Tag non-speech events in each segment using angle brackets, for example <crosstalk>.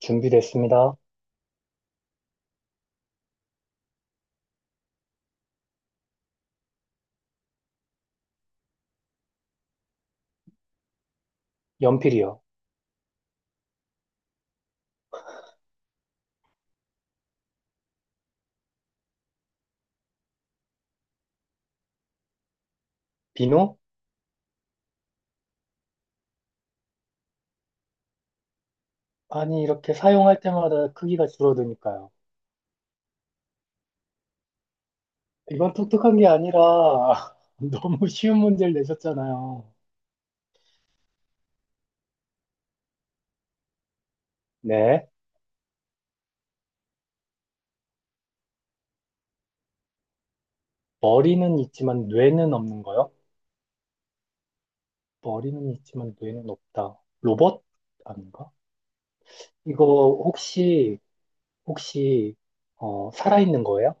준비됐습니다. 연필이요. 비누? 아니, 이렇게 사용할 때마다 크기가 줄어드니까요. 이건 독특한 게 아니라 <laughs> 너무 쉬운 문제를 내셨잖아요. 네. 머리는 있지만 뇌는 없는 거요? 머리는 있지만 뇌는 없다. 로봇? 아닌가? 이거 혹시, 혹시, 살아있는 거예요?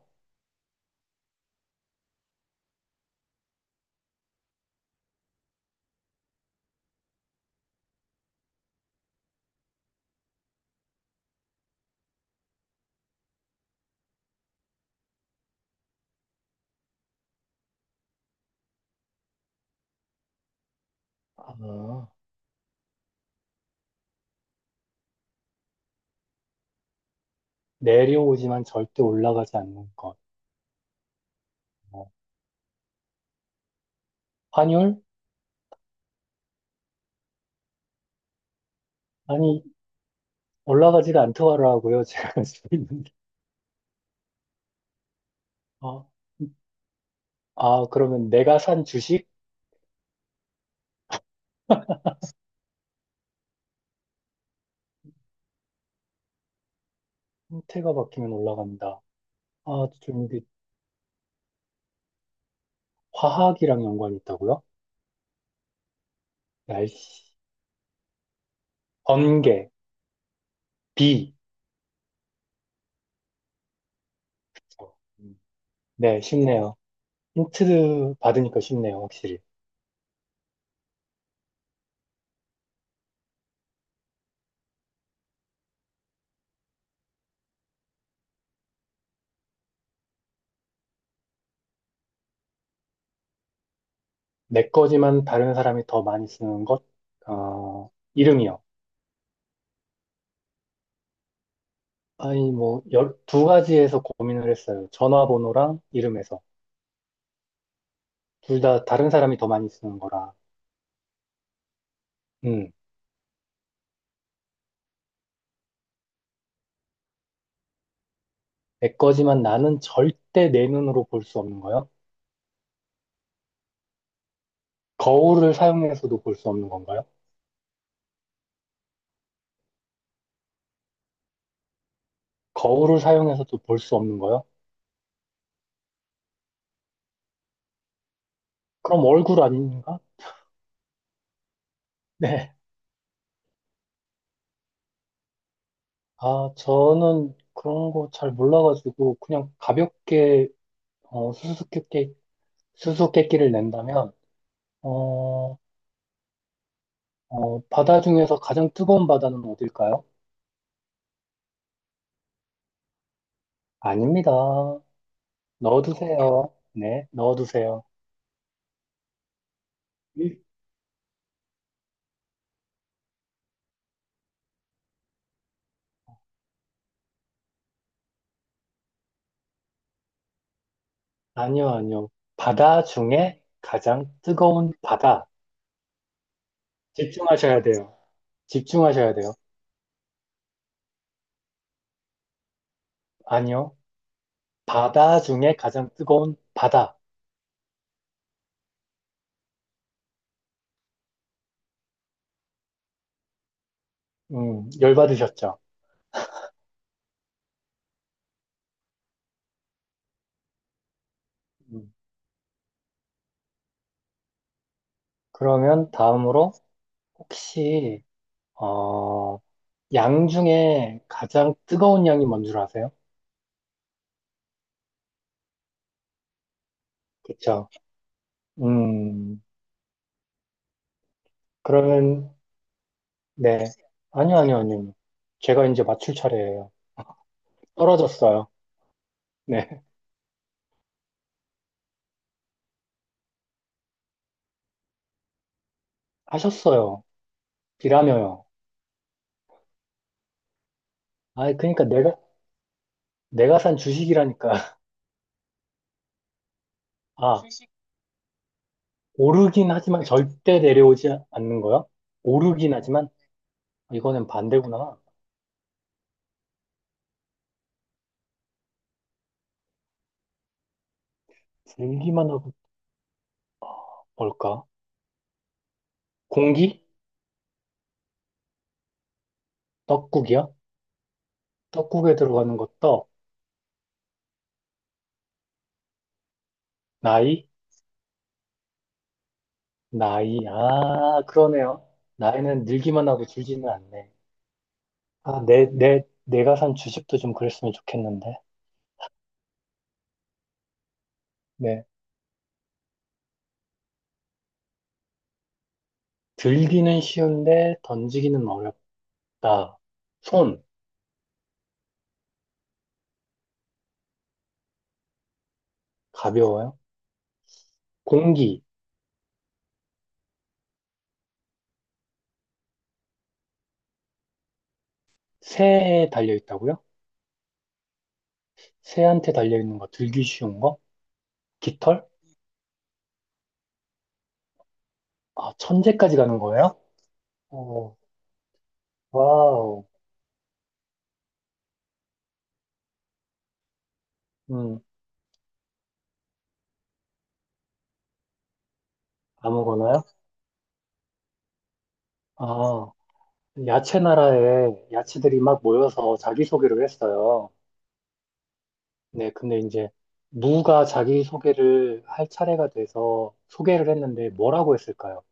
아, 내려오지만 절대 올라가지 않는 것. 어, 환율? 아니, 올라가지가 않더라고요. 제가 <laughs> 지고 있는 게. 어. 아, 그러면 내가 산 주식. 형태가 바뀌면 올라간다. 아, 좀 이게 화학이랑 연관이 있다고요? 날씨, 번개, 비. 어, 음. 네, 쉽네요. 힌트 받으니까 쉽네요, 확실히. 내 거지만 다른 사람이 더 많이 쓰는 것, 이름이요. 아니, 뭐, 두 가지에서 고민을 했어요. 전화번호랑 이름에서. 둘 다 다른 사람이 더 많이 쓰는 거라. 음, 내 거지만 나는 절대 내 눈으로 볼 수 없는 거요. 거울을 사용해서도 볼 수 없는 건가요? 거울을 사용해서도 볼 수 없는 거요? 그럼 얼굴 아닌가? 네. 아, 저는 그런 거 잘 몰라가지고 그냥 가볍게 어, 수수께끼, 수수께끼를 낸다면 어, 바다 중에서 가장 뜨거운 바다는 어딜까요? 아닙니다. 넣어두세요. 네, 넣어두세요. 일- 아니요, 아니요. 바다 중에 가장 뜨거운 바다. 집중하셔야 돼요. 집중하셔야 돼요. 아니요. 바다 중에 가장 뜨거운 바다. 열받으셨죠? 음, 그러면 다음으로 혹시 어, 양 중에 가장 뜨거운 양이 뭔 줄 아세요? 그쵸? 음, 그러면 네. 아니요, 아니요, 아니요. 제가 이제 맞출 차례예요. 떨어졌어요. 네. <laughs> 하셨어요. 비라며요. 아, 그러니까 내가 산 주식이라니까. <laughs> 아, 오르긴 하지만 절대 내려오지 않는 거요? 오르긴 하지만 아, 이거는 반대구나. 들기만 하고 뭘까? 공기? 떡국이야? 떡국에 들어가는 거 떡. 나이? 나이. 아, 그러네요. 나이는 늘기만 하고 줄지는 않네. 아, 내가 산 주식도 좀 그랬으면 좋겠는데. 네. 들기는 쉬운데 던지기는 어렵다. 손. 가벼워요. 공기. 새에 달려 있다고요? 새한테 달려 있는 거 들기 쉬운 거? 깃털? 아, 천재까지 가는 거예요? 오 와우. 음, 아무거나요? 아, 야채 나라에 야채들이 막 모여서 자기소개를 했어요. 네, 근데 이제 무가 자기소개를 할 차례가 돼서 소개를 했는데 뭐라고 했을까요?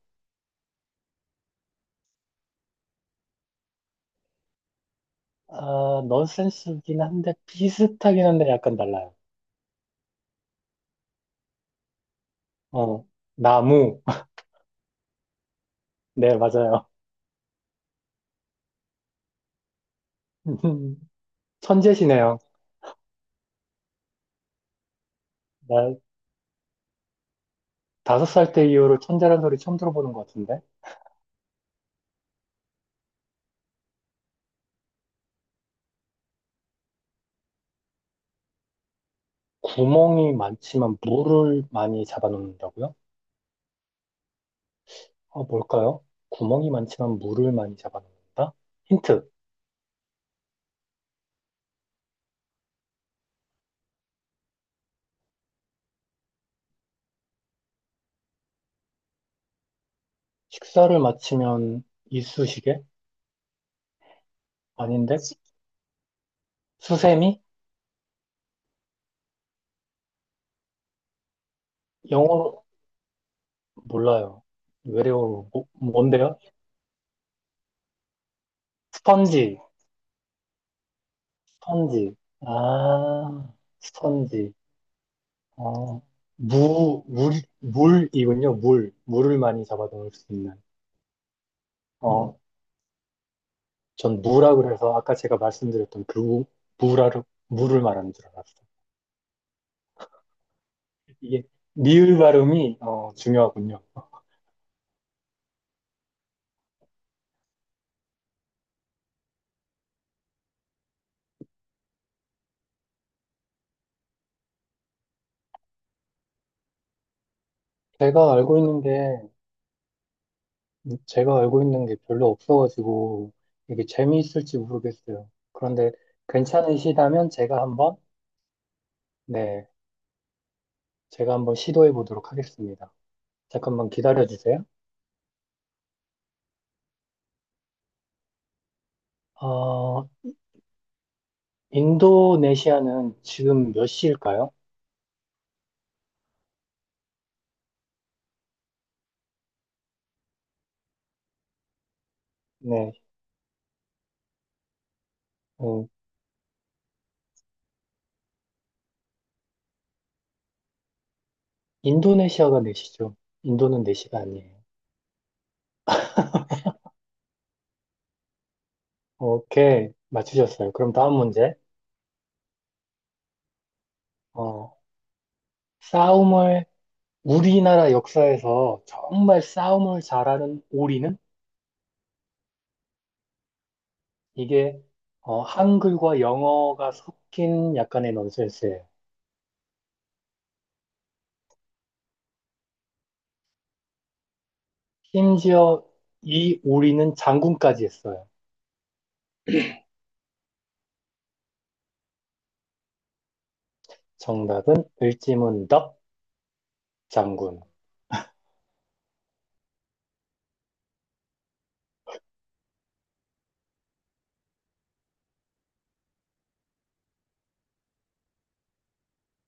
아, 넌센스긴 한데 비슷하긴 한데 약간 달라요. 어, 나무. <laughs> 네, 맞아요. <laughs> 천재시네요. 나 다섯 살 때 이후로 천재란 소리 처음 들어보는 것 같은데? 구멍이 많지만 물을 많이 잡아놓는다고요? 뭘까요? 구멍이 많지만 물을 많이 잡아놓는다? 힌트. 식사를 마치면 이쑤시개? 아닌데? 수세미? 영어로 몰라요. 외래어로 뭔데요? 스펀지, 스펀지. 아, 스펀지. 어, 무, 물, 물이군요. 물. 물을 많이 잡아 넣을 수 있는. 어, 전 무라 그래서 아까 제가 말씀드렸던 그 무, 무라를, 무를 말하는 줄 알았어요. 이게 미을 발음이 중요하군요. 제가 알고 있는 게 제가 알고 있는 게 별로 없어가지고 이게 재미있을지 모르겠어요. 그런데 괜찮으시다면 제가 한번, 네, 제가 한번 시도해 보도록 하겠습니다. 잠깐만 기다려 주세요. 어, 인도네시아는 지금 몇 시일까요? 네, 어, 인도네시아가 4시죠. 인도는 4시가 아니에요. 오케이, 맞추셨어요. 그럼 다음 문제. 어, 싸움을, 우리나라 역사에서 정말 싸움을 잘하는 오리는? 이게 한글과 영어가 섞인 약간의 넌센스예요. 심지어 이 우리는 장군까지 했어요. 정답은 을지문덕 장군.